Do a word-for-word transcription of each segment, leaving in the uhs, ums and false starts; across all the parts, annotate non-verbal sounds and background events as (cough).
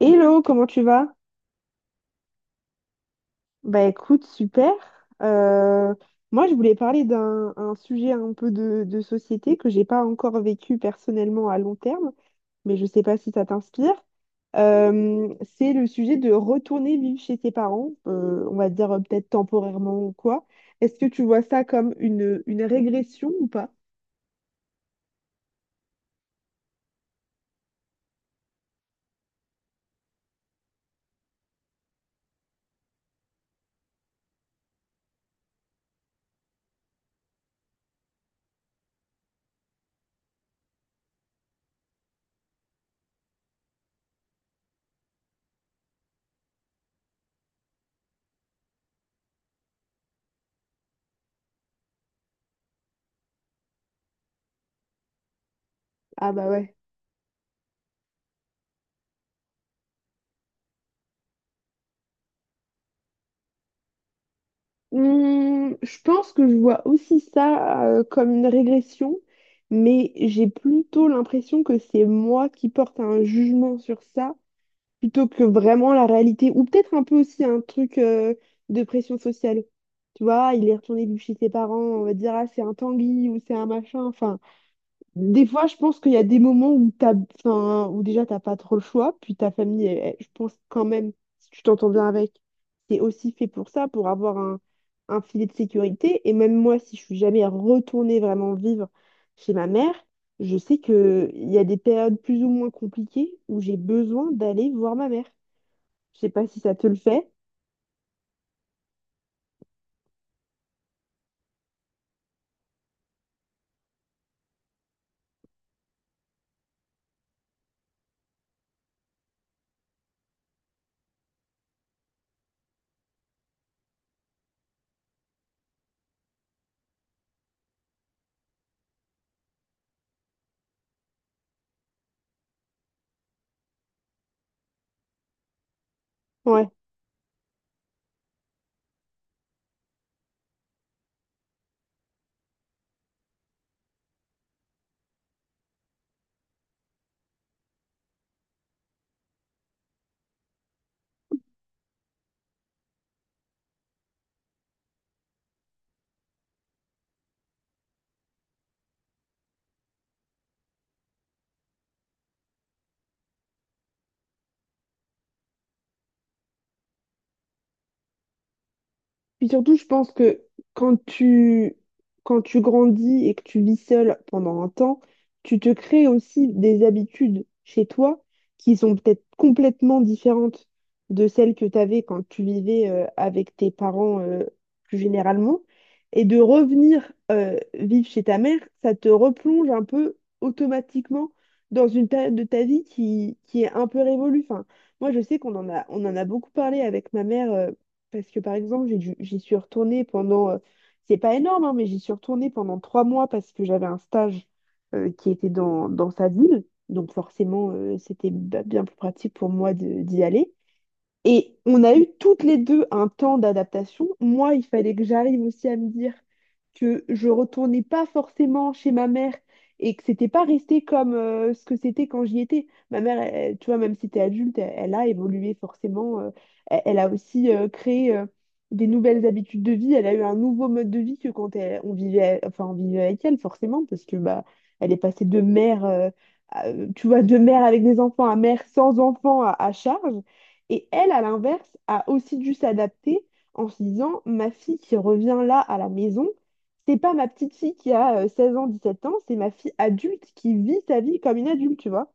Hello, comment tu vas? Bah écoute, super. Euh, moi, je voulais parler d'un un sujet un peu de, de société que j'ai pas encore vécu personnellement à long terme, mais je sais pas si ça t'inspire. Euh, c'est le sujet de retourner vivre chez tes parents, euh, on va dire euh, peut-être temporairement ou quoi. Est-ce que tu vois ça comme une, une régression ou pas? Ah bah ouais. Hum, je pense que je vois aussi ça euh, comme une régression, mais j'ai plutôt l'impression que c'est moi qui porte un jugement sur ça, plutôt que vraiment la réalité, ou peut-être un peu aussi un truc euh, de pression sociale. Tu vois, il est retourné vivre chez ses parents, on va dire, ah, c'est un Tanguy ou c'est un machin, enfin. Des fois, je pense qu'il y a des moments où t'as, enfin, où déjà t'as pas trop le choix, puis ta famille, elle- elle- je pense quand même, si tu t'entends bien avec, c'est aussi fait pour ça, pour avoir un, un filet de sécurité. Et même moi, si je suis jamais retournée vraiment vivre chez ma mère, je sais que il y a des périodes plus ou moins compliquées où j'ai besoin d'aller voir ma mère. Je sais pas si ça te le fait. Oui, ouais. Puis surtout, je pense que quand tu, quand tu grandis et que tu vis seul pendant un temps, tu te crées aussi des habitudes chez toi qui sont peut-être complètement différentes de celles que tu avais quand tu vivais euh, avec tes parents euh, plus généralement. Et de revenir euh, vivre chez ta mère, ça te replonge un peu automatiquement dans une période de ta vie qui, qui est un peu révolue. Enfin, moi, je sais qu'on en a, on en a beaucoup parlé avec ma mère. euh, parce que par exemple, j'ai dû- j'y suis retournée pendant, euh, c'est pas énorme, hein, mais j'y suis retournée pendant trois mois parce que j'avais un stage euh, qui était dans, dans sa ville. Donc forcément, euh, c'était ba- bien plus pratique pour moi de- d'y aller. Et on a eu toutes les deux un temps d'adaptation. Moi, il fallait que j'arrive aussi à me dire que je retournais pas forcément chez ma mère et que c'était pas resté comme euh, ce que c'était quand j'y étais. Ma mère, elle- tu vois, même si t'es adulte, elle, elle a évolué forcément. euh, elle, elle a aussi euh, créé euh, des nouvelles habitudes de vie. Elle a eu un nouveau mode de vie que quand elle- on vivait, enfin, on vivait avec elle, forcément, parce que bah, elle est passée de mère, euh, à- euh, tu vois, de mère avec des enfants à mère sans enfants à à charge. Et elle, à l'inverse, a aussi dû s'adapter en se disant, ma fille qui revient là à la maison, c'est pas ma petite fille qui a euh, seize ans, dix-sept ans, c'est ma fille adulte qui vit sa vie comme une adulte, tu vois.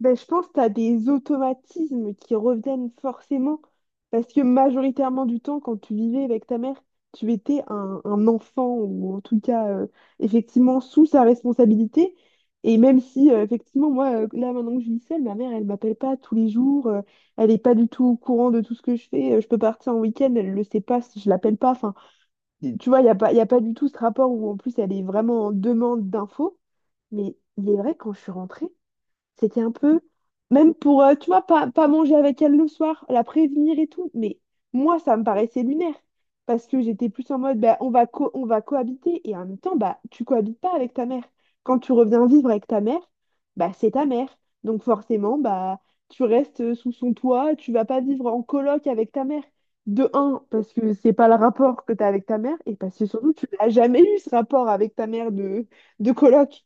Ben, je pense que tu as des automatismes qui reviennent forcément parce que majoritairement du temps, quand tu vivais avec ta mère, tu étais un, un enfant ou en tout cas euh, effectivement sous sa responsabilité. Et même si euh, effectivement, moi, euh, là maintenant que je vis seule, ma mère, elle m'appelle pas tous les jours, euh, elle n'est pas du tout au courant de tout ce que je fais. euh, je peux partir en week-end, elle le sait pas si je l'appelle pas. Enfin, tu vois, il n'y a pas, y a pas du tout ce rapport où en plus elle est vraiment en demande d'infos. Mais il est vrai, quand je suis rentrée, c'était un peu, même pour, euh, tu vois, pas, pas manger avec elle le soir, la prévenir et tout. Mais moi, ça me paraissait lunaire. Parce que j'étais plus en mode, bah, on va co- on va cohabiter. Et en même temps, bah, tu cohabites pas avec ta mère. Quand tu reviens vivre avec ta mère, bah, c'est ta mère. Donc forcément, bah, tu restes sous son toit, tu vas pas vivre en coloc avec ta mère. De un, parce que c'est pas le rapport que tu as avec ta mère, et parce que surtout, tu n'as jamais eu ce rapport avec ta mère de, de coloc.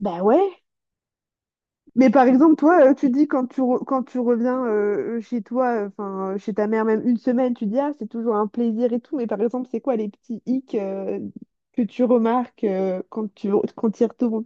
Bah ouais. Mais par exemple, toi, euh, tu dis quand tu, re- quand tu reviens euh, euh, chez toi, euh, enfin euh, chez ta mère, même une semaine, tu dis ah, c'est toujours un plaisir et tout. Mais par exemple, c'est quoi les petits hicks euh, que tu remarques euh, quand tu quand tu y retournes?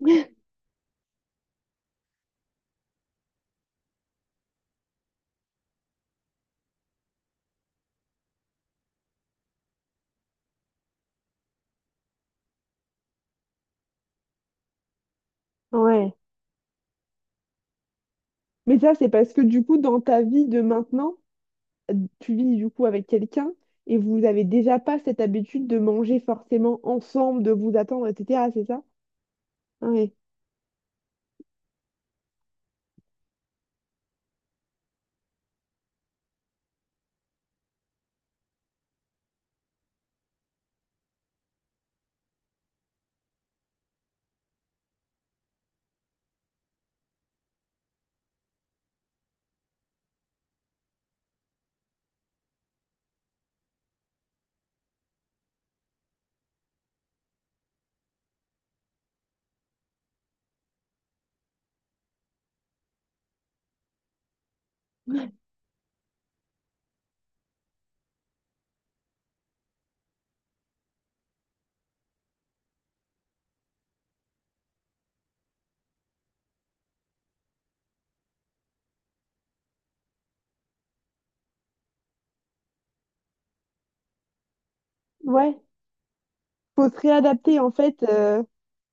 (laughs) Ouais. Mais ça, c'est parce que du coup, dans ta vie de maintenant, tu vis du coup avec quelqu'un et vous avez déjà pas cette habitude de manger forcément ensemble, de vous attendre, et cetera. C'est ça? Ouais. Ouais. Faut se réadapter en fait, euh,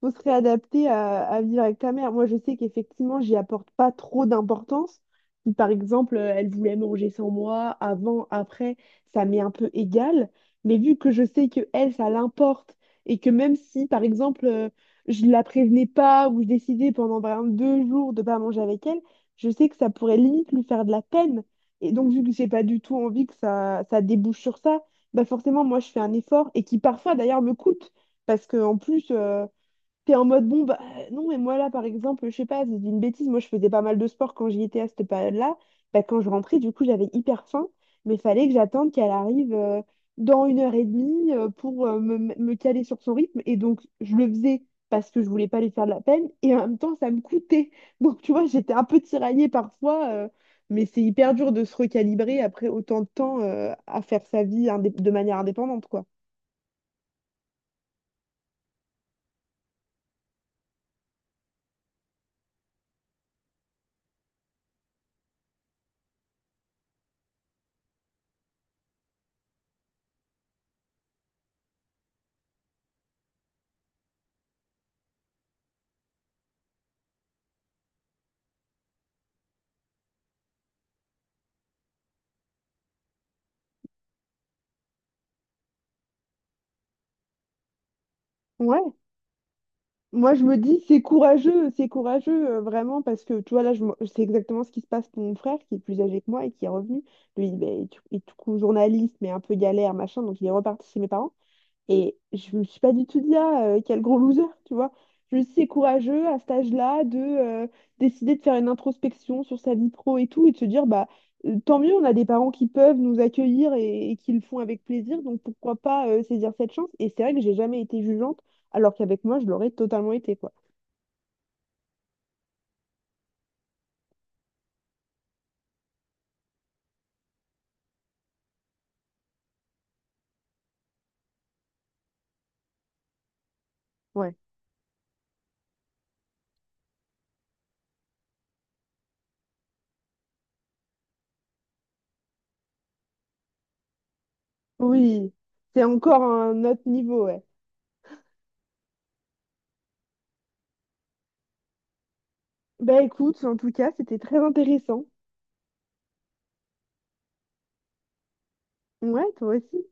faut se réadapter à, à vivre avec ta mère. Moi, je sais qu'effectivement, j'y apporte pas trop d'importance. Si, par exemple, euh, elle voulait manger sans moi, avant, après, ça m'est un peu égal. Mais vu que je sais que elle, ça l'importe, et que même si, par exemple, euh, je la prévenais pas ou je décidais pendant par exemple, deux jours de pas manger avec elle, je sais que ça pourrait limite lui faire de la peine. Et donc, vu que j'ai pas du tout envie que ça, ça débouche sur ça, bah forcément, moi, je fais un effort et qui parfois, d'ailleurs, me coûte. Parce qu'en plus, euh, T'es en mode, bon, bah, non, mais moi, là, par exemple, je sais pas, je dis une bêtise, moi, je faisais pas mal de sport quand j'y étais à cette période-là. Bah, quand je rentrais, du coup, j'avais hyper faim, mais fallait que j'attende qu'elle arrive euh, dans une heure et demie euh, pour euh, me, me caler sur son rythme. Et donc, je le faisais parce que je voulais pas lui faire de la peine, et en même temps, ça me coûtait. (laughs) Donc, tu vois, j'étais un peu tiraillée parfois, euh, mais c'est hyper dur de se recalibrer après autant de temps euh, à faire sa vie indé- de manière indépendante, quoi. Ouais, moi, je me dis, c'est courageux, c'est courageux, euh, vraiment, parce que, tu vois, là, je, me- je exactement ce qui se passe pour mon frère, qui est plus âgé que moi et qui est revenu. Lui, il est, il est tout coup journaliste, mais un peu galère, machin, donc il est reparti chez mes parents. Et je me suis pas du tout dit, ah, euh, quel gros loser, tu vois. Je me suis dit, c'est courageux à cet âge-là de euh, décider de faire une introspection sur sa vie pro et tout, et de se dire, bah, euh, tant mieux, on a des parents qui peuvent nous accueillir et, et qui le font avec plaisir, donc pourquoi pas euh, saisir cette chance. Et c'est vrai que j'ai jamais été jugeante, alors qu'avec moi, je l'aurais totalement été, quoi. Ouais. Oui, c'est encore un autre niveau, ouais. Bah écoute, en tout cas, c'était très intéressant. Ouais, toi aussi.